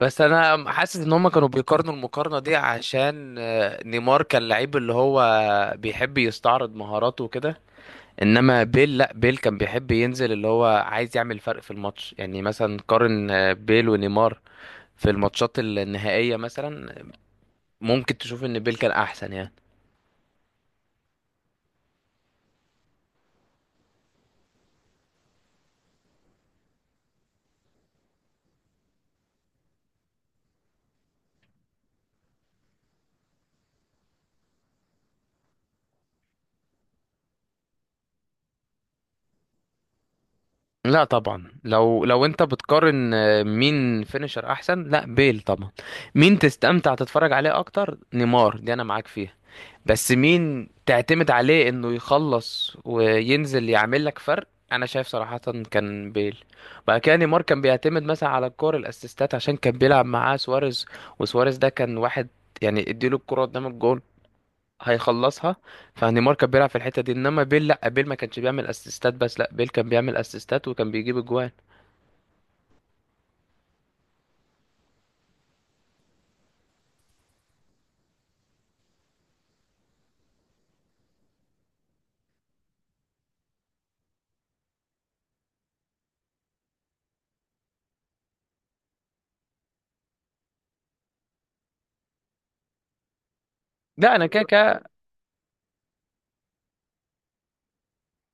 بس انا حاسس ان هم كانوا بيقارنوا المقارنه دي عشان نيمار كان لعيب اللي هو بيحب يستعرض مهاراته وكده. انما بيل، لا بيل كان بيحب ينزل اللي هو عايز يعمل فرق في الماتش. يعني مثلا قارن بيل ونيمار في الماتشات النهائيه مثلا، ممكن تشوف ان بيل كان احسن يعني. لا طبعا، لو انت بتقارن مين فينيشر احسن، لا بيل طبعا. مين تستمتع تتفرج عليه اكتر، نيمار، دي انا معاك فيها. بس مين تعتمد عليه انه يخلص وينزل يعمل لك فرق، انا شايف صراحة كان بيل. بعد كده نيمار كان بيعتمد مثلا على الكور، الاسيستات، عشان كان بيلعب معاه سواريز، وسواريز ده كان واحد، يعني اديله الكرة قدام الجول هيخلصها. فنيمار كان بيلعب في الحتة دي، انما بيل لا بيل ما كانش بيعمل اسيستات بس، لا بيل كان بيعمل اسيستات وكان بيجيب اجوان. لا انا كده كده.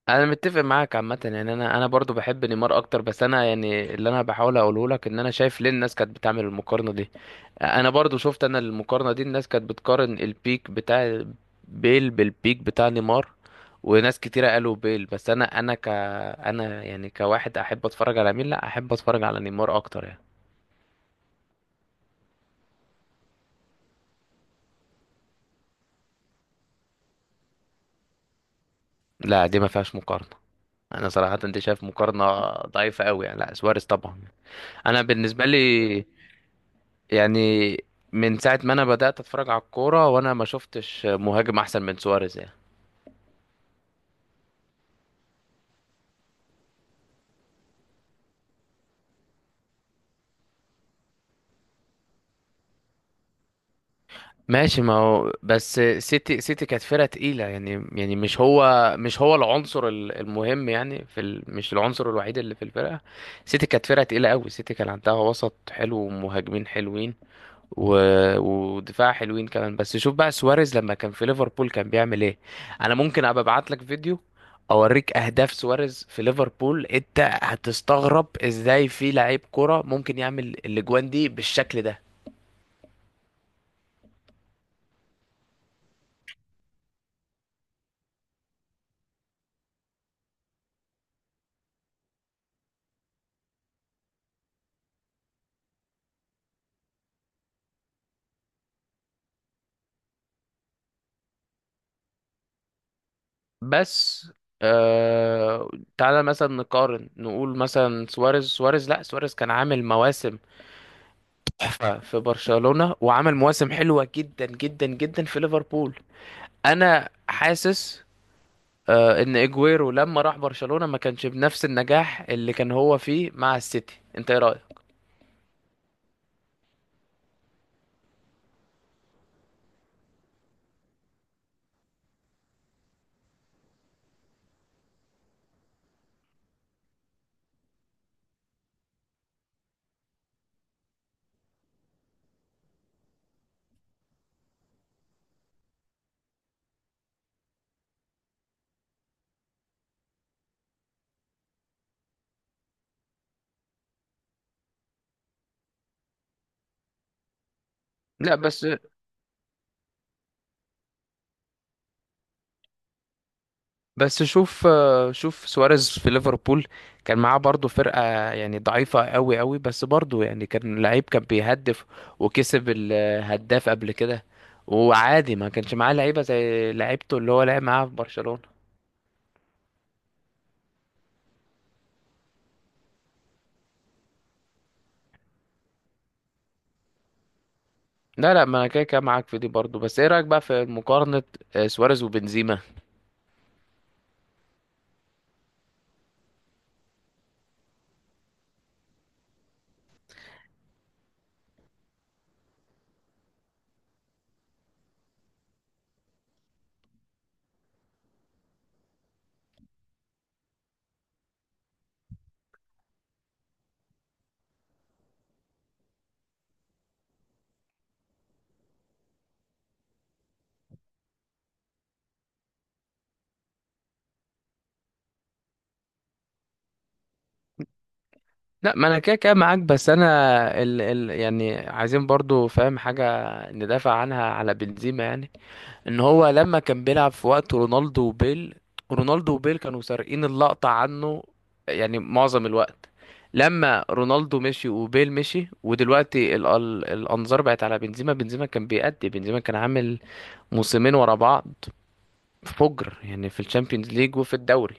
انا متفق معاك عامه يعني، انا برضو بحب نيمار اكتر، بس انا يعني اللي انا بحاول اقوله لك ان انا شايف ليه الناس كانت بتعمل المقارنه دي. انا برضو شفت انا المقارنه دي، الناس كانت بتقارن البيك بتاع بيل بالبيك بتاع نيمار، وناس كتيره قالوا بيل، بس انا انا ك انا يعني كواحد احب اتفرج على مين، لا احب اتفرج على نيمار اكتر يعني. لا دي ما فيهاش مقارنه. انا صراحه انت شايف مقارنه ضعيفه قوي يعني، لا سواريز طبعا. انا بالنسبه لي، يعني من ساعة ما انا بدأت اتفرج على الكورة وانا ما شفتش مهاجم احسن من سواريز يعني. ماشي، ما هو بس سيتي كانت فرقة تقيلة يعني، مش هو العنصر المهم يعني في مش العنصر الوحيد اللي في الفرقة. سيتي كانت فرقة تقيلة قوي، سيتي كان عندها وسط حلو ومهاجمين حلوين و... ودفاع حلوين كمان. بس شوف بقى سواريز لما كان في ليفربول كان بيعمل ايه. انا ممكن ابقى ابعت لك فيديو اوريك اهداف سواريز في ليفربول، انت هتستغرب ازاي في لعيب كرة ممكن يعمل الاجوان دي بالشكل ده. بس آه... تعالى مثلا نقارن، نقول مثلا سواريز، سواريز لا سواريز كان عامل مواسم تحفة في برشلونة وعمل مواسم حلوة جدا جدا جدا في ليفربول. انا حاسس ان اجويرو لما راح برشلونة ما كانش بنفس النجاح اللي كان هو فيه مع السيتي، انت ايه رأيك؟ لا بس، شوف شوف سواريز في ليفربول كان معاه برضه فرقة يعني ضعيفة قوي قوي، بس برضه يعني كان لعيب، كان بيهدف وكسب الهداف قبل كده، وعادي ما كانش معاه لعيبة زي لعيبته اللي هو لعب معاها في برشلونة. لا لا، ما انا كده كده معاك في دي برضه، بس ايه رأيك بقى في مقارنة سواريز وبنزيما؟ لا ما انا كده كده معاك، بس انا ال ال يعني عايزين برضو فاهم حاجه ندافع عنها على بنزيما يعني. ان هو لما كان بيلعب في وقت رونالدو وبيل كانوا سارقين اللقطه عنه يعني معظم الوقت. لما رونالدو مشي وبيل مشي ودلوقتي ال ال الانظار بقت على بنزيما، بنزيما كان بيأدي، بنزيما كان عامل موسمين ورا بعض فجر يعني، في الشامبيونز ليج وفي الدوري.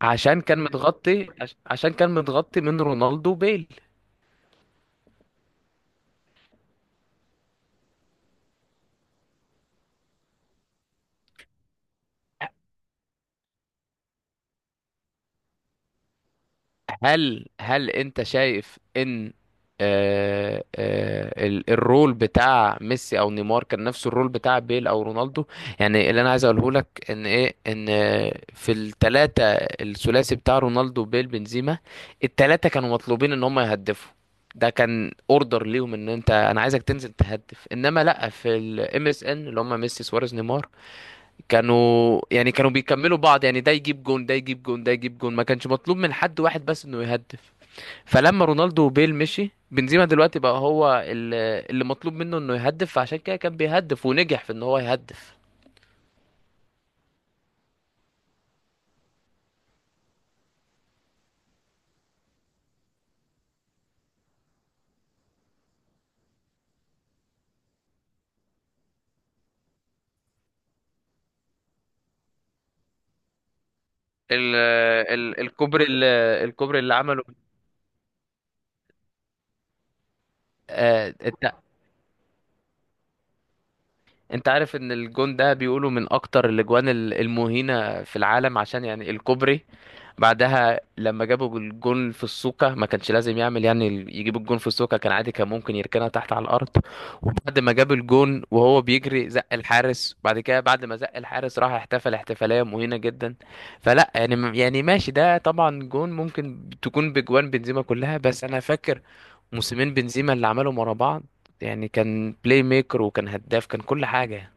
عشان كان متغطي، عشان كان متغطي من رونالدو وبيل. هل انت شايف ان الرول بتاع ميسي او نيمار كان نفس الرول بتاع بيل او رونالدو؟ يعني اللي انا عايز اقوله لك ان ايه، ان في الثلاثه، الثلاثي بتاع رونالدو بيل بنزيما، الثلاثه كانوا مطلوبين ان هم يهدفوا، ده كان اوردر ليهم ان انت، انا عايزك تنزل تهدف. انما لا، في الام اس ان اللي هم ميسي سواريز نيمار كانوا يعني كانوا بيكملوا بعض يعني، ده يجيب جون، ده يجيب جون، ده يجيب جون، ما كانش مطلوب من حد واحد بس انه يهدف. فلما رونالدو وبيل مشي، بنزيما دلوقتي بقى هو اللي مطلوب منه انه يهدف، فعشان كده كان بيهدف ونجح في ان هو يهدف. ال ال الكوبري، الكوبري اللي عمله آه، انت عارف ان الجون ده بيقولوا من اكتر الاجوان المهينة في العالم، عشان يعني الكوبري، بعدها لما جابوا الجون في السوكة ما كانش لازم يعمل يعني يجيب الجون في السوكة، كان عادي كان ممكن يركنها تحت على الارض. وبعد ما جاب الجون وهو بيجري زق الحارس، بعد كده بعد ما زق الحارس راح احتفل احتفالية مهينة جدا. فلا يعني يعني ماشي، ده طبعا جون ممكن تكون بجوان بنزيما كلها، بس انا فاكر موسمين بنزيما اللي عملهم ورا بعض يعني كان بلاي ميكر وكان هداف، كان كل حاجة.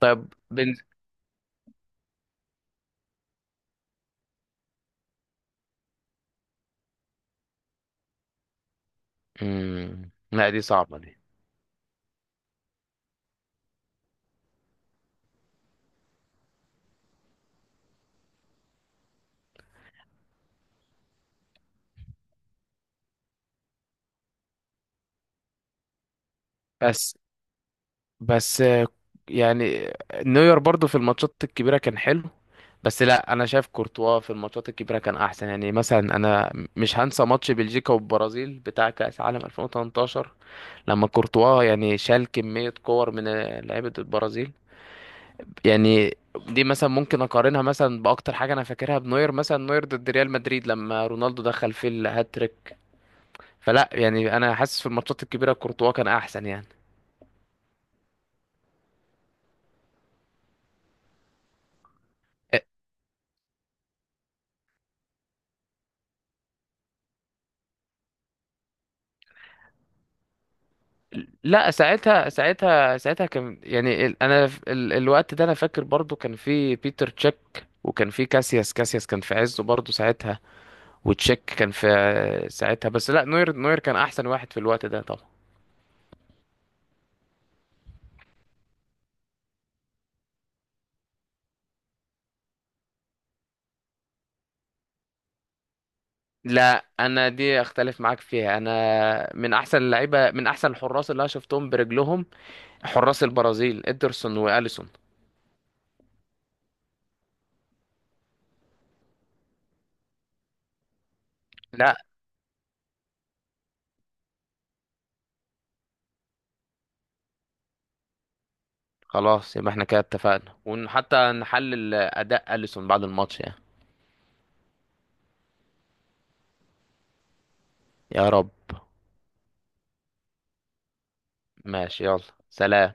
طيب مم. لا دي صعبة دي. بس بس يعني نوير برضو في الماتشات الكبيرة كان حلو، بس لا انا شايف كورتوا في الماتشات الكبيرة كان احسن يعني. مثلا انا مش هنسى ماتش بلجيكا والبرازيل بتاع كأس عالم 2018 لما كورتوا يعني شال كمية كور من لعيبة البرازيل يعني. دي مثلا ممكن اقارنها مثلا باكتر حاجة انا فاكرها بنوير، مثلا نوير ضد ريال مدريد لما رونالدو دخل في الهاتريك. فلا يعني انا حاسس في الماتشات الكبيره كورتوا كان احسن يعني. أ- لا ساعتها كان يعني انا الوقت ده انا فاكر برضو كان في بيتر تشيك وكان في كاسياس، كان في عزه برضو ساعتها، وتشيك كان في ساعتها. بس لا نوير كان احسن واحد في الوقت ده طبعا. لا انا دي اختلف معاك فيها. انا من احسن اللعيبه، من احسن الحراس اللي انا شفتهم برجلهم حراس البرازيل، ادرسون واليسون. لا. خلاص، يبقى احنا كده اتفقنا، وحتى نحلل اداء اليسون بعد الماتش يعني. يا رب. ماشي، يلا، سلام.